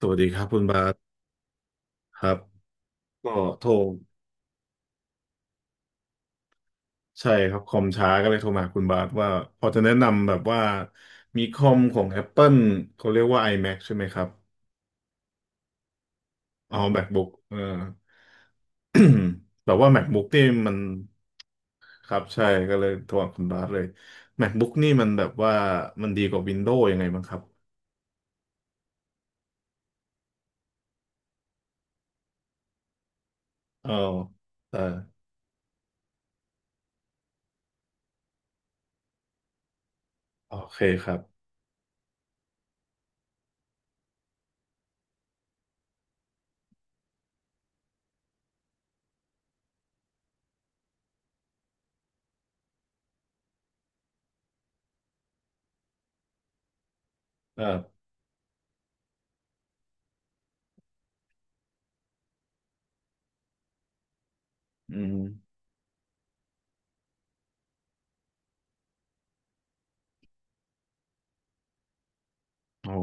สวัสดีครับคุณบาสครับก็โทรใช่ครับคอมช้าก็เลยโทรมาหาคุณบาสว่าพอจะแนะนำแบบว่ามีคอมของ Apple เขาเรียกว่า iMac ใช่ไหมครับอ๋อ MacBook เออ แบบว่า MacBook นี่มันครับใช่ก็เลยโทรหาคุณบาสเลย MacBook นี่มันแบบว่ามันดีกว่า Windows ยังไงบ้างครับเออเออโอเคครับเอออืมโอ้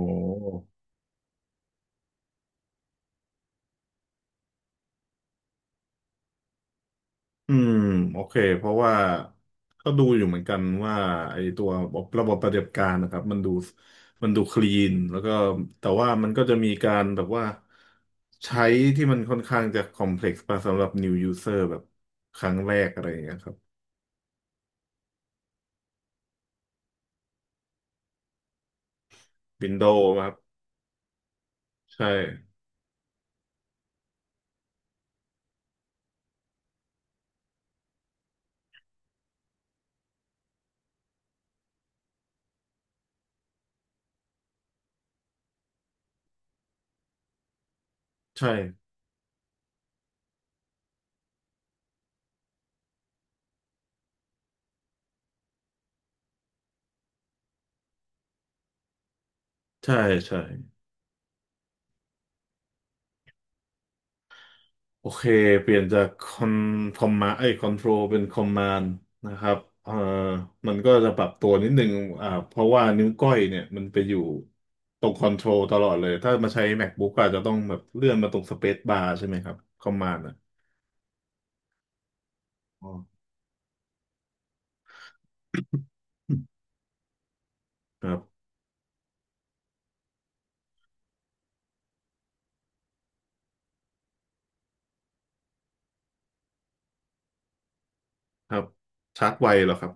อืมโอเคเพราะว่าก็ดูอยู่เหมือนกันว่าไอ้ตัวระบบปฏิบัติการนะครับมันดูมันดูคลีนแล้วก็แต่ว่ามันก็จะมีการแบบว่าใช้ที่มันค่อนข้างจะคอมเพล็กซ์ไปสำหรับ new user แบบครั้งแรกอะไรอย่างเงี้ยครับ Windows ครับใช่ใช่ใช่ใช่ โอเคเปลี่ยนจากคอนคอมมาไอ้คอนโทรลเป็นคอมมานด์นะครับเอ่อมันก็จะปรับตัวนิดนึงเพราะว่านิ้วก้อยเนี่ยมันไปอยู่ตรงคอนโทรลตลอดเลยถ้ามาใช้ MacBook ก็อาจจะต้องแบบเลื่อนมาตรงสเปซบาร์ใช่ไหมครับคอมมานด์อ่ะอ๋อครับครับชาร์จไวเหรอครับ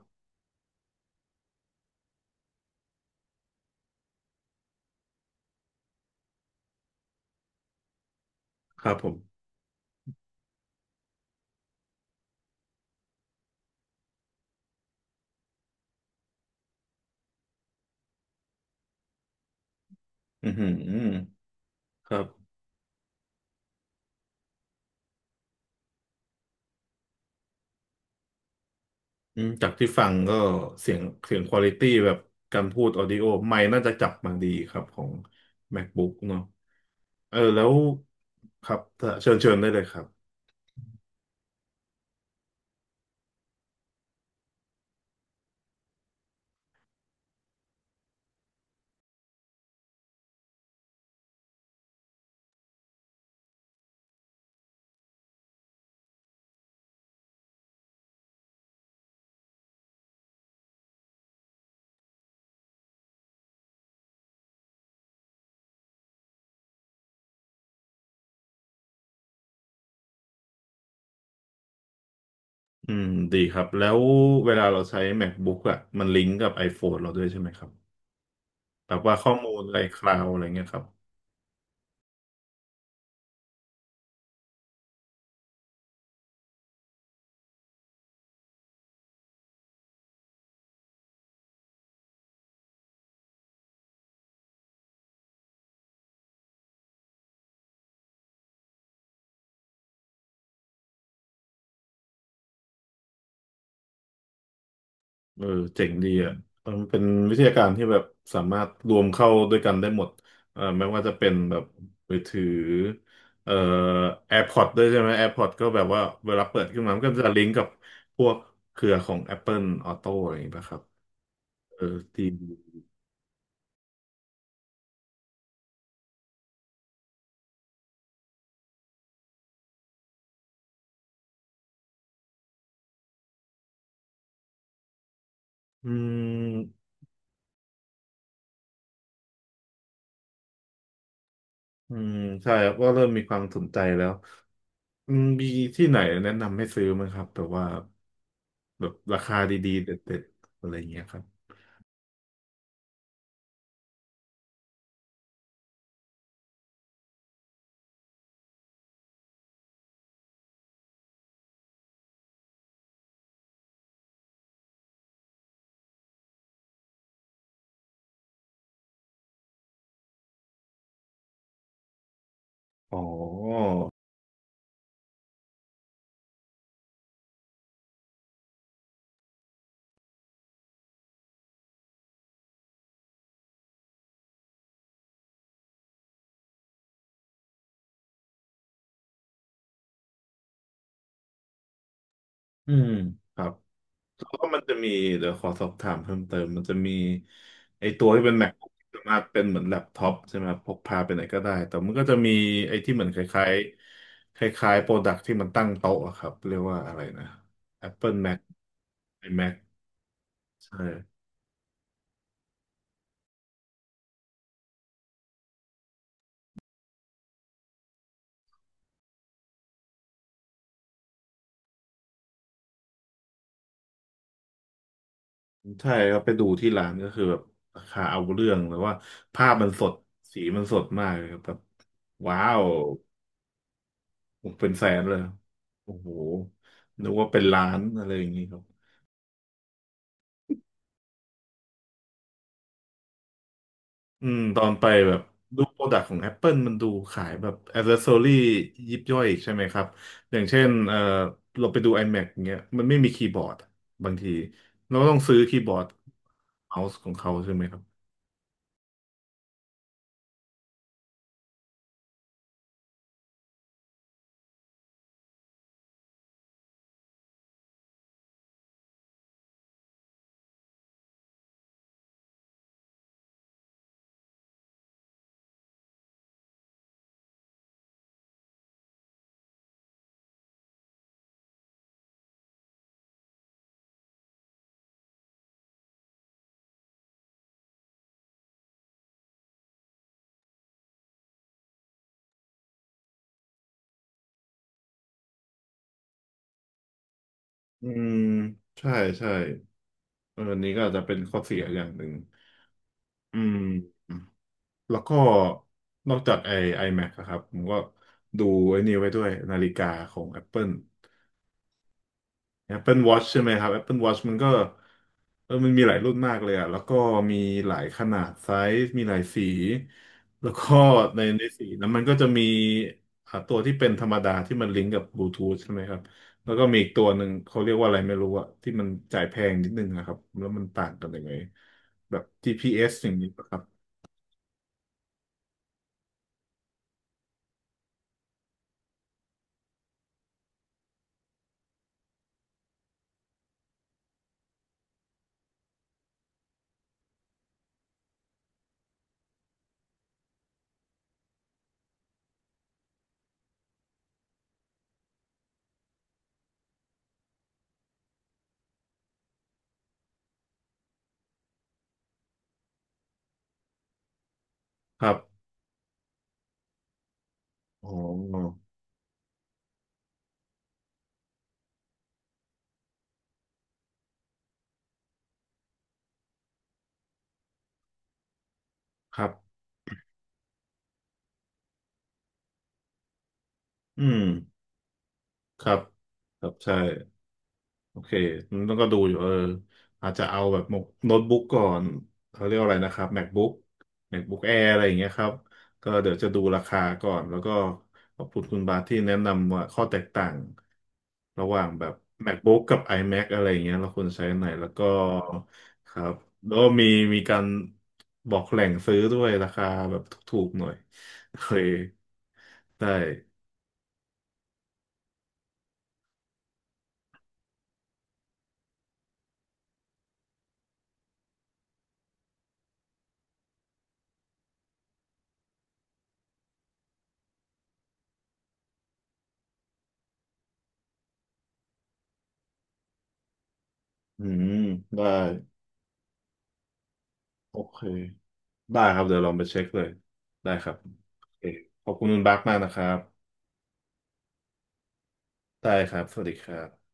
ครับผมอือหือครับ อืมจากที่ฟังก็เสียงเสียงควอลิตี้แบบการพูดออดิโอไมค์น่าจะจับมาดีครับของ MacBook เนาะเออแล้วครับเชิญเชิญได้เลยครับอืมดีครับแล้วเวลาเราใช้ MacBook อะมันลิงก์กับ iPhone เราด้วยใช่ไหมครับแบบว่าข้อมูลอะไรคลาวอะไรเงี้ยครับ เออเจ๋งดีอ่ะเออมันเป็นวิทยาการที่แบบสามารถรวมเข้าด้วยกันได้หมดเออไม่ว่าจะเป็นแบบมือถือเอ่อ AirPods ด้วยใช่ไหม AirPods ก็แบบว่าเวลาเปิดขึ้นมามันก็จะลิงก์กับพวกเครือของ Apple Auto อะไรอย่างเงี้ยครับเออดีอืมอืมใช่ครับก็เริ่มมีความสนใจแล้วอืมมีที่ไหนแนะนำให้ซื้อไหมครับแบบว่าแบบราคาดีๆเด็ดๆอะไรอย่างเงี้ยครับอ๋ออืมครับ แล้วก็มันจะมีเดี๋ยวขอสอบถามเพิ่มเติมมันจะมีไอตัวที่เป็น MacBook ที่สามารถเป็นเหมือนแล็ปท็อปใช่ไหมครับพกพาไปไหนก็ได้แต่มันก็จะมีไอที่เหมือนคล้ายๆคล้ายๆโปรดักที่มันตั้งโต๊ะอะครับเรียกว่าอะไรนะ Apple Mac iMac ใช่ใช่ครับไปดูที่ร้านก็คือแบบราคาเอาเรื่องแล้วว่าภาพมันสดสีมันสดมากเลยครับแบบว้าวเป็นแสนเลยโอ้โหนึกว่าเป็นล้านอะไรอย่างนี้ครับ อืมตอนไปแบบดูโปรดักต์ของ Apple มันดูขายแบบ a c c e s s o r y ยิบย่อยอีกใช่ไหมครับอย่างเช่นเออเราไปดู iMac อย่างเงี้ยมันไม่มีคีย์บอร์ดอะบางทีเราก็ต้องซื้อคีย์บอร์ดเมาส์ของเขาใช่ไหมครับอืมใช่ใช่เอออันนี้ก็อาจจะเป็นข้อเสียอย่างหนึ่งอืมแล้วก็นอกจากไอ้ iMac อะครับผมก็ดูไอ้นี่ไว้ด้วยนาฬิกาของ Apple Apple Watch ใช่ไหมครับ Apple Watch มันก็เออมันมีหลายรุ่นมากเลยอะแล้วก็มีหลายขนาดไซส์มีหลายสีแล้วก็ในในสีนั้นมันก็จะมีตัวที่เป็นธรรมดาที่มันลิงก์กับบลูทูธใช่ไหมครับแล้วก็มีอีกตัวหนึ่งเขาเรียกว่าอะไรไม่รู้อะที่มันจ่ายแพงนิดนึงนะครับแล้วมันต่างกันยังไงแบบ GPS อสอย่างนี้ปะครับครับอ๋อครับอืมครับครับใช่ โอเค ต้องก็ดูอยู่เอออาจจะเอาแบบโน้ตบุ๊กก่อนเขาเรียกว่าอะไรนะครับ MacBook MacBook Air อะไรอย่างเงี้ยครับ ก็เดี๋ยวจะดูราคาก่อนแล้วก็ขอบคุณคุณบาทที่แนะนำว่าข้อแตกต่างระหว่างแบบ MacBook กับ iMac อะไรอย่างเงี้ยเราควรใช้อันไหน แล้วก็ครับแล้วก็มีมีการบอกแหล่งซื้อด้วยราคาแบบถูกๆหน่อยโอเคได้ อืมได้โอเค ได้ครับเดี๋ยวลองไปเช็คเลยได้ครับโอเคขอบคุณคุณบักมากนะครับได้ครับสวัสดีครับ